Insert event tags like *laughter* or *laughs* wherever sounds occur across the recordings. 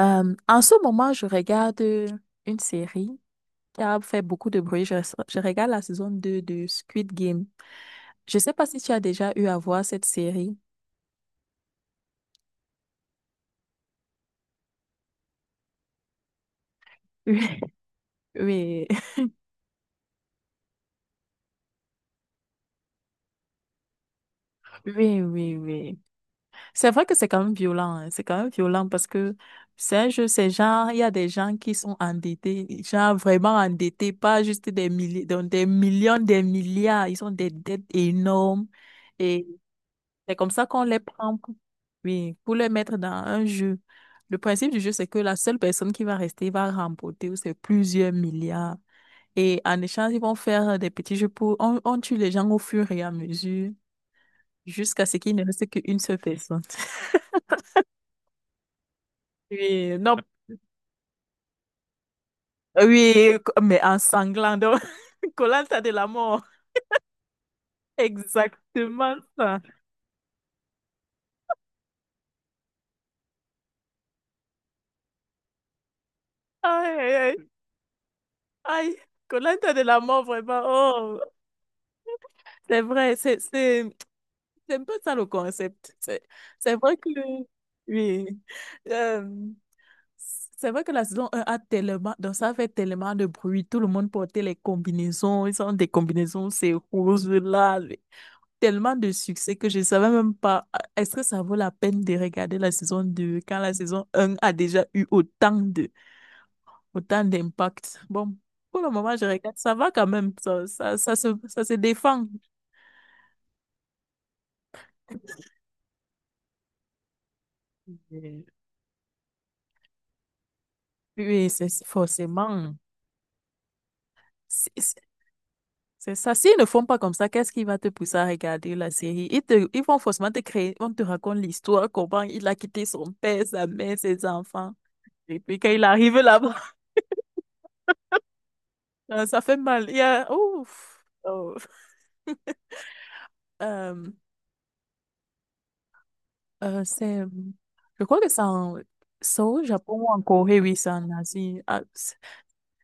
En ce moment, je regarde une série qui a fait beaucoup de bruit. Je regarde la saison 2 de Squid Game. Je ne sais pas si tu as déjà eu à voir cette série. Oui, *laughs* oui, *laughs* oui, oui, oui. C'est vrai que c'est quand même violent, hein. C'est quand même violent parce que c'est un jeu, c'est genre, il y a des gens qui sont endettés, genre vraiment endettés, pas juste des milliers, donc des millions, des milliards. Ils ont des dettes énormes. C'est comme ça qu'on les prend pour, oui, pour les mettre dans un jeu. Le principe du jeu, c'est que la seule personne qui va rester va remporter c'est plusieurs milliards. Et en échange, ils vont faire des petits jeux pour... On tue les gens au fur et à mesure jusqu'à ce qu'il ne reste qu'une seule personne. Oui, non, oui, mais en sanglant. Donc, *laughs* Koh-Lanta de la mort. Exactement ça. Aïe, aïe, aïe. Aïe. Koh-Lanta de la mort, vraiment. Oh, c'est vrai. C'est un peu ça le concept. C'est vrai que, oui. Euh, c'est vrai que la saison un a tellement, donc ça fait tellement de bruit. Tout le monde portait les combinaisons. Ils ont des combinaisons, c'est rose là. Tellement de succès que je ne savais même pas. Est-ce que ça vaut la peine de regarder la saison 2 quand la saison un a déjà eu autant d'impact? Bon, pour le moment, je regarde. Ça va quand même. Ça se défend. Oui, oui, c'est forcément. C'est ça. S'ils ne font pas comme ça, qu'est-ce qui va te pousser à regarder la série? Ils vont forcément te créer, on te raconte l'histoire, comment il a quitté son père, sa mère, ses enfants. Et puis quand il arrive là-bas, *laughs* ça fait mal. Il y a, ouf, oh. Euh, euh, c'est, je crois que c'est au Japon ou en Corée, oui, c'est en Asie. Ah,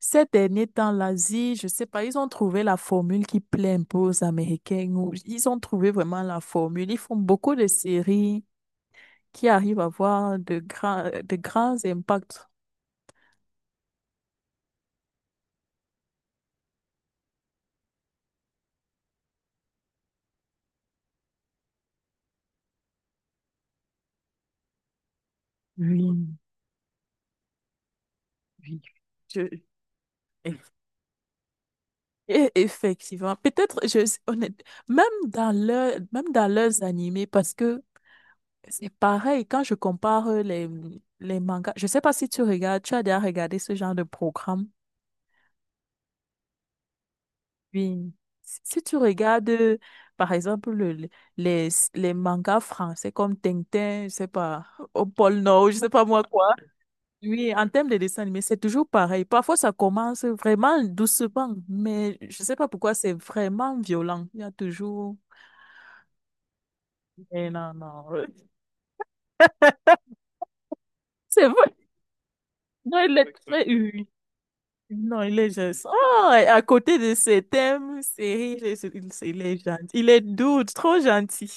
ces derniers temps, l'Asie, je sais pas, ils ont trouvé la formule qui plaît un peu aux Américains, ou ils ont trouvé vraiment la formule. Ils font beaucoup de séries qui arrive à avoir de grands impacts. Oui, oui. Je- Et effectivement, peut-être, honnête, même dans leurs animés, parce que c'est pareil, quand je compare les mangas, je sais pas si tu regardes, tu as déjà regardé ce genre de programme. Oui. Si tu regardes, par exemple, les, les mangas français comme Tintin, je sais pas, *laughs* au pôle Nord, je sais pas moi quoi. Oui, en termes de dessin animé, c'est toujours pareil. Parfois, ça commence vraiment doucement, mais je sais pas pourquoi c'est vraiment violent. Il y a toujours. Eh non, non. *laughs* C'est vrai. Non, il est très. Oui. Non, il est juste. Ah, et à côté de ses thèmes, séries, il est gentil. Il est doux, trop gentil.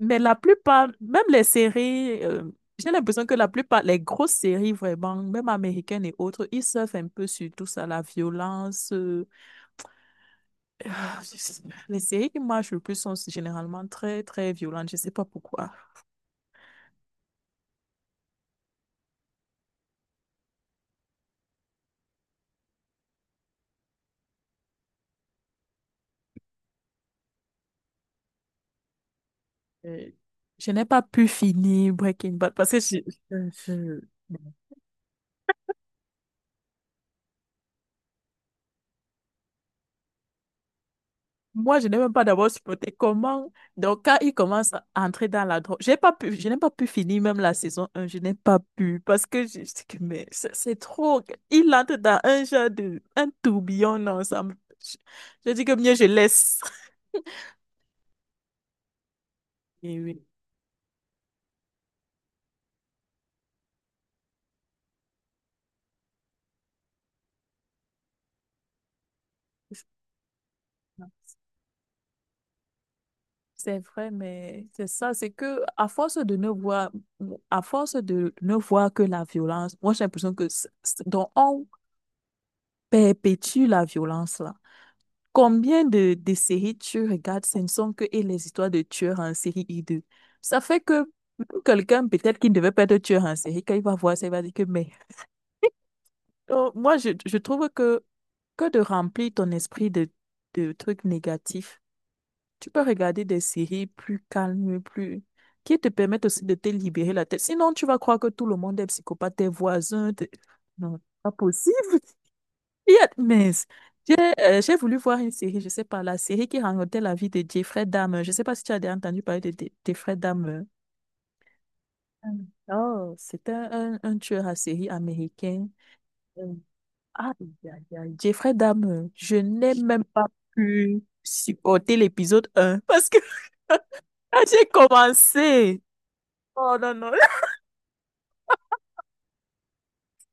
Mais la plupart, même les séries, j'ai l'impression que la plupart, les grosses séries vraiment, même américaines et autres, ils surfent un peu sur tout ça, la violence. Les séries qui marchent le plus sont généralement très, très violentes. Je ne sais pas pourquoi. Euh, Je n'ai pas pu finir Breaking Bad parce que je- je- moi, je n'ai même pas d'abord supporté comment. Donc, quand il commence à entrer dans la drogue, j'ai pas pu, je n'ai pas pu finir même la saison un. Je n'ai pas pu parce que je dis que, mais c'est trop. Il entre dans un genre de, un tourbillon ensemble. Je dis que mieux je laisse. *laughs* Et oui. C'est vrai, mais c'est ça, c'est que à force de ne voir, à force de ne voir que la violence, moi j'ai l'impression que donc on perpétue la violence là. Combien de séries tu regardes, ce ne sont que et les histoires de tueurs en série hideux. Ça fait que même quelqu'un peut-être qui ne devait pas être tueur en série, quand il va voir ça, il va dire que mais. Donc, moi je trouve que de remplir ton esprit de trucs négatifs. Tu peux regarder des séries plus calmes, plus... qui te permettent aussi de te libérer la tête. Sinon, tu vas croire que tout le monde est psychopathe, tes voisins. Non, pas possible. *laughs* Il y a... Mais j'ai j'ai voulu voir une série, je sais pas, la série qui racontait la vie de Jeffrey Dahmer. Je sais pas si tu as déjà entendu parler de Jeffrey Dahmer. Mm. Oh, c'était un tueur à série américain. Euh, Aïe, aïe, aïe. Jeffrey Dahmer, je n'ai même pas pu supporter l'épisode un parce que quand j'ai commencé, oh non, non, *laughs*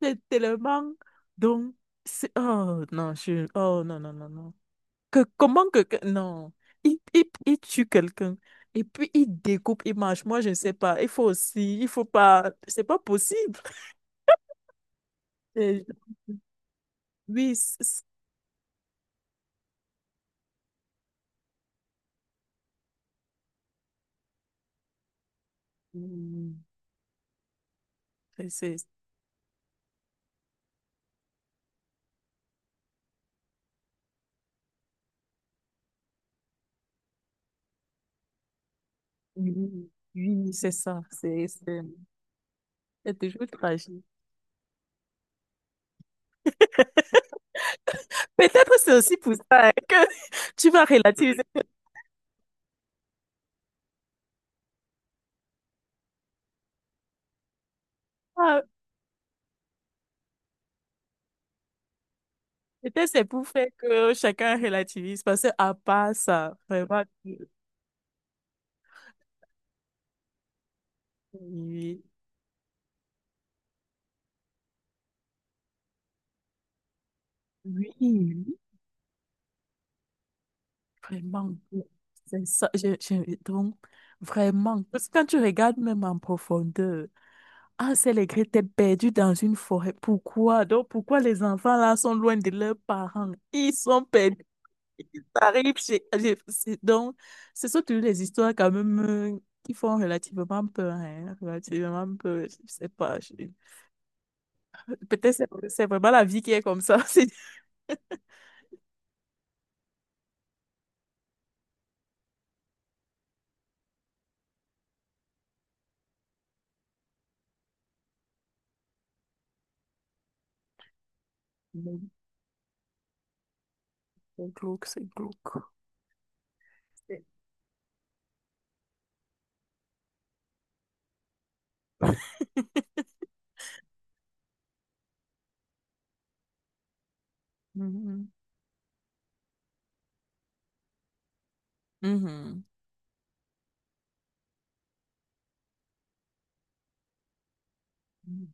c'est tellement. Donc, oh non, je. Oh non, non, non, non. Que, comment que. Non. Il tue quelqu'un. Et puis, il découpe, il mange. Moi, je ne sais pas. Il faut aussi. Il faut pas. C'est pas possible. C'est- Oui, c'est. Mm. c'est- c'est- Oui, oui, c'est ça. C'est toujours tragique. Peut-être c'est aussi pour ça hein, que *laughs* tu vas relativiser. Ah, peut-être c'est pour faire que chacun relativise, parce que à part ça, vraiment, oui, oui, oui, vraiment, c'est ça. Donc, vraiment, parce que quand tu regardes même en profondeur, ah, c'est les grès, t'es perdu dans une forêt. Pourquoi? Donc, pourquoi les enfants là sont loin de leurs parents? Ils sont perdus. Ils arrivent chez... Donc, c'est surtout les histoires quand même qui font relativement peur, hein, relativement peur, je sais pas. Peut-être c'est vraiment la vie qui est comme ça. *laughs* Mhm. C'est glauque, c'est glauque. C'est- Mhm. Mhm. Mhm.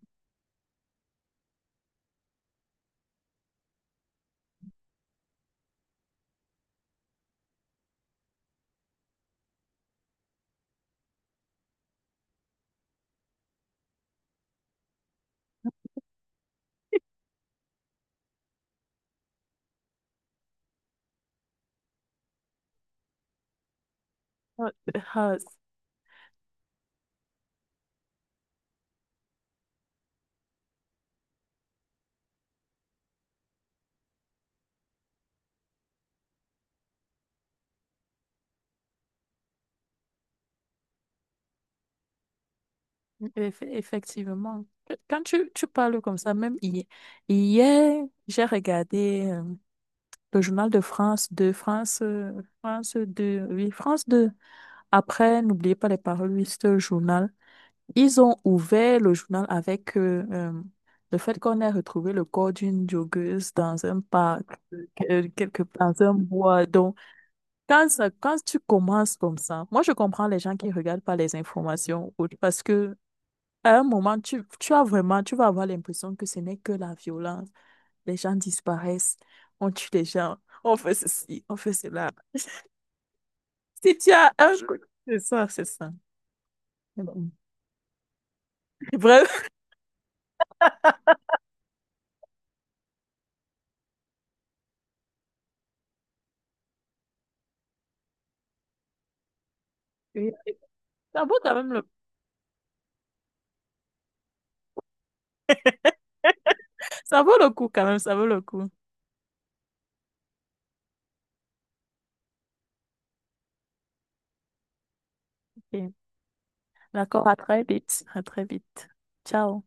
Ah, ah, effectivement. Quand tu parles comme ça, même hier, j'ai regardé. Le journal de France 2, France 2, oui, France 2. Après, n'oubliez pas les paroles, oui, le journal. Ils ont ouvert le journal avec le fait qu'on ait retrouvé le corps d'une joggeuse dans un parc, quelque dans un bois. Donc, quand tu commences comme ça, moi, je comprends les gens qui regardent pas les informations parce que à un moment, tu as vraiment, tu vas avoir l'impression que ce n'est que la violence les gens disparaissent, on tue les gens, on fait ceci, on fait cela. Si tu as un coup, c'est ça, c'est ça. Mhm. Bref, oui, ça vaut quand même le, ça vaut le coup quand même, ça vaut le coup. Ok. D'accord, à très vite, à très vite. Ciao.